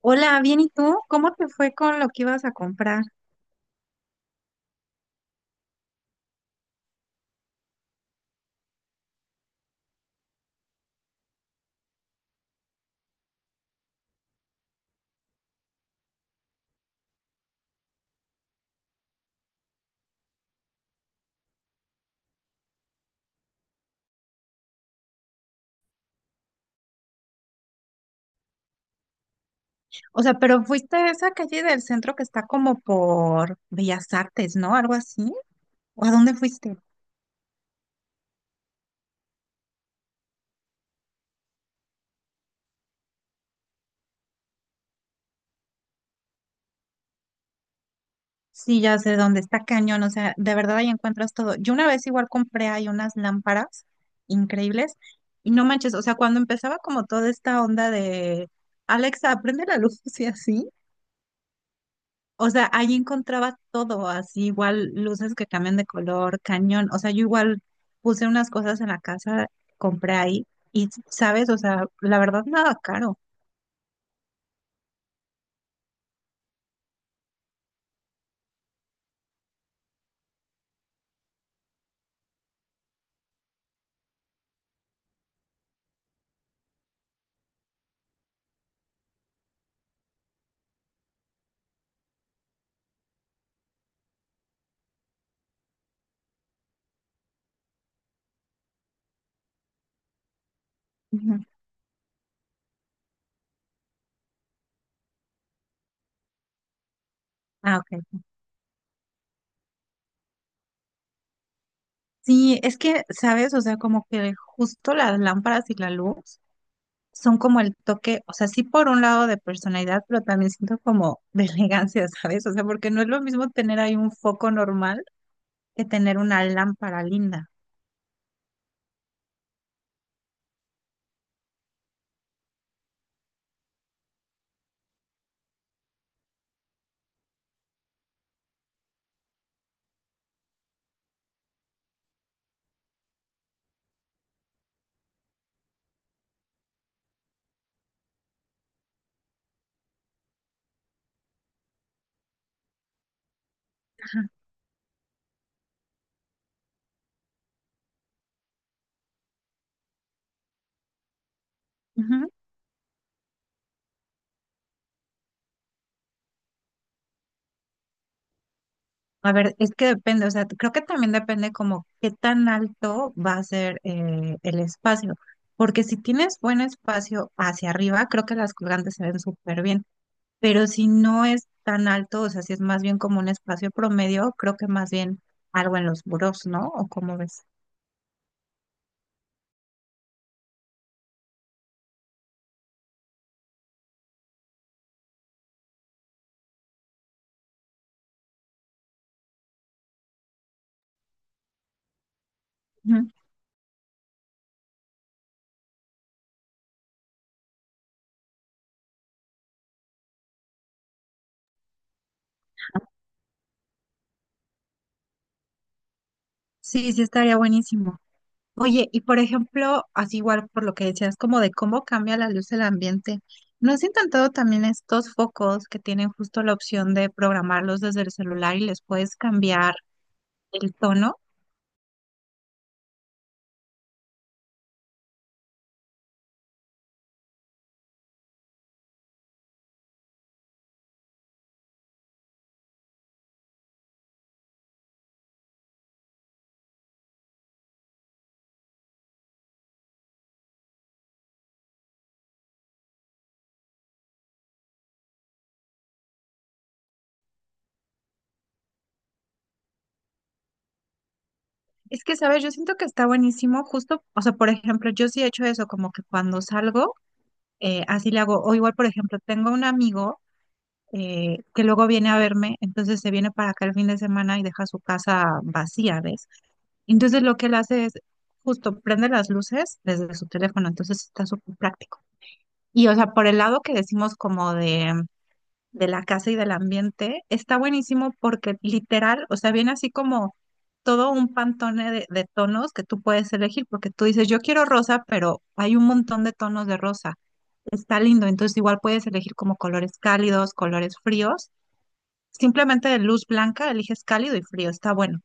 Hola, bien, ¿y tú? ¿Cómo te fue con lo que ibas a comprar? O sea, pero fuiste a esa calle del centro que está como por Bellas Artes, ¿no? Algo así. ¿O a dónde fuiste? Sí, ya sé dónde está cañón, o sea, de verdad ahí encuentras todo. Yo una vez igual compré ahí unas lámparas increíbles y no manches, o sea, cuando empezaba como toda esta onda de Alexa, prende la luz y así. O sea, ahí encontraba todo, así igual luces que cambian de color, cañón. O sea, yo igual puse unas cosas en la casa, compré ahí y, ¿sabes? O sea, la verdad, nada caro. Ujú. Ah, ok. Sí, es que, ¿sabes? O sea, como que justo las lámparas y la luz son como el toque, o sea, sí por un lado de personalidad, pero también siento como de elegancia, ¿sabes? O sea, porque no es lo mismo tener ahí un foco normal que tener una lámpara linda. A ver, es que depende, o sea, creo que también depende como qué tan alto va a ser el espacio, porque si tienes buen espacio hacia arriba, creo que las colgantes se ven súper bien, pero si no es tan alto, o sea, si es más bien como un espacio promedio, creo que más bien algo en los burós, ¿no? ¿O cómo ves? Ujú. Sí, sí estaría buenísimo. Oye, y por ejemplo, así igual por lo que decías, como de cómo cambia la luz del ambiente, ¿no has intentado también estos focos que tienen justo la opción de programarlos desde el celular y les puedes cambiar el tono? Es que, sabes, yo siento que está buenísimo justo, o sea, por ejemplo, yo sí he hecho eso, como que cuando salgo, así le hago, o igual, por ejemplo, tengo un amigo que luego viene a verme, entonces se viene para acá el fin de semana y deja su casa vacía, ¿ves? Entonces lo que él hace es justo prende las luces desde su teléfono, entonces está súper práctico. Y o sea, por el lado que decimos como de la casa y del ambiente, está buenísimo porque literal, o sea, viene así como todo un pantone de tonos que tú puedes elegir, porque tú dices, yo quiero rosa, pero hay un montón de tonos de rosa. Está lindo, entonces igual puedes elegir como colores cálidos, colores fríos. Simplemente de luz blanca eliges cálido y frío, está bueno.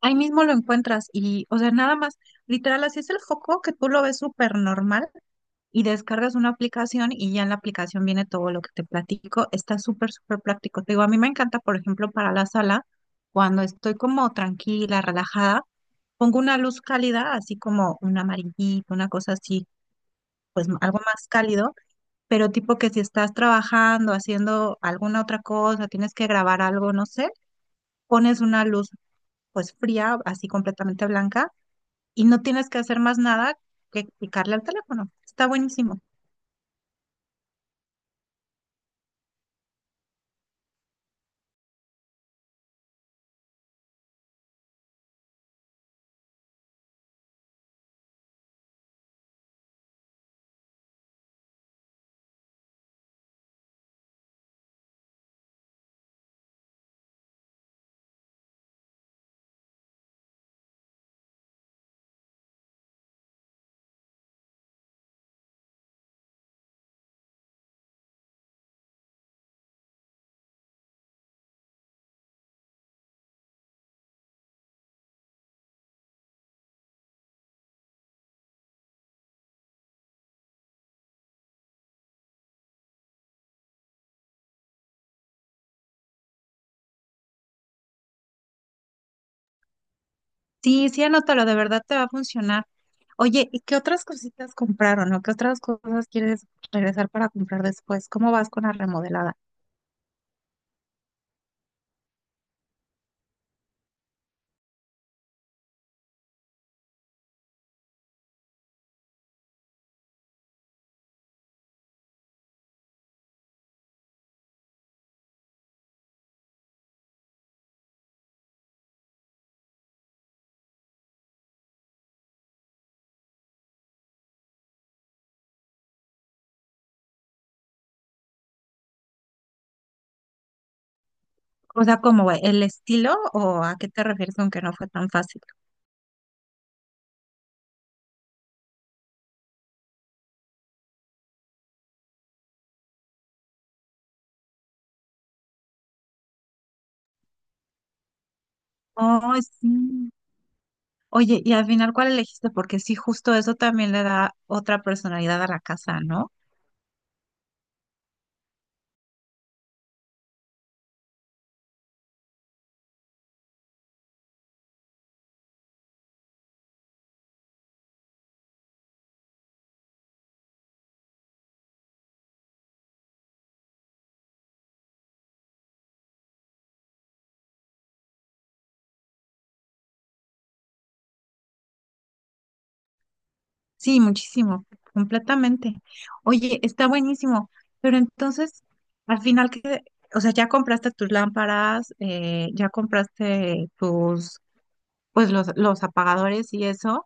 Ahí mismo lo encuentras y, o sea, nada más, literal, así es el foco que tú lo ves súper normal y descargas una aplicación y ya en la aplicación viene todo lo que te platico. Está súper, súper práctico. Te digo, a mí me encanta, por ejemplo, para la sala, cuando estoy como tranquila, relajada, pongo una luz cálida, así como un amarillito, una cosa así, pues algo más cálido, pero tipo que si estás trabajando, haciendo alguna otra cosa, tienes que grabar algo, no sé, pones una luz pues fría, así completamente blanca y no tienes que hacer más nada que picarle al teléfono. Está buenísimo. Sí, sí, anótalo, de verdad te va a funcionar. Oye, ¿y qué otras cositas compraron o qué otras cosas quieres regresar para comprar después? ¿Cómo vas con la remodelada? O sea, ¿cómo el estilo o a qué te refieres con que no fue tan fácil? Oh, sí. Oye, y al final, ¿cuál elegiste? Porque sí, justo eso también le da otra personalidad a la casa, ¿no? Sí, muchísimo, completamente. Oye, está buenísimo, pero entonces, al final que, o sea, ya compraste tus lámparas, ya compraste tus, pues los apagadores y eso,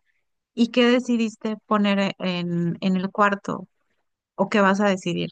¿y qué decidiste poner en el cuarto? ¿O qué vas a decidir?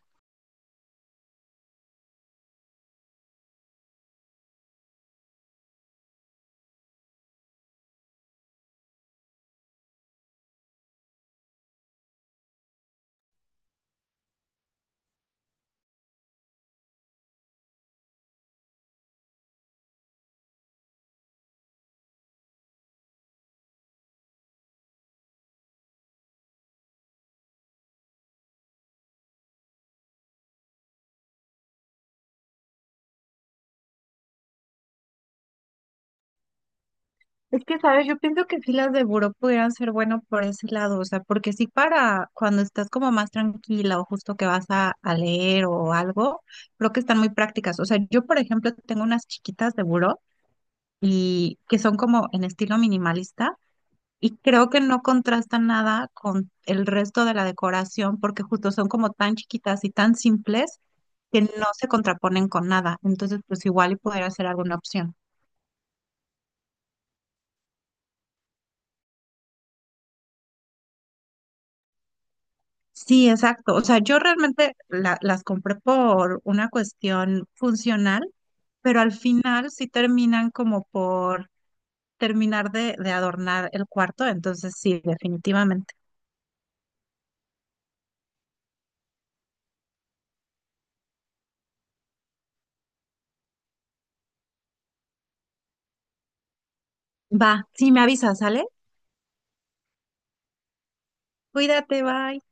Es que, ¿sabes? Yo pienso que sí las de buró pudieran ser bueno por ese lado, o sea, porque sí para cuando estás como más tranquila o justo que vas a leer o algo, creo que están muy prácticas. O sea, yo, por ejemplo, tengo unas chiquitas de buró y que son como en estilo minimalista y creo que no contrastan nada con el resto de la decoración porque justo son como tan chiquitas y tan simples que no se contraponen con nada. Entonces, pues igual y pudiera ser alguna opción. Sí, exacto. O sea, yo realmente las compré por una cuestión funcional, pero al final sí terminan como por terminar de adornar el cuarto. Entonces, sí, definitivamente. Va, sí, me avisas, ¿sale? Cuídate, bye.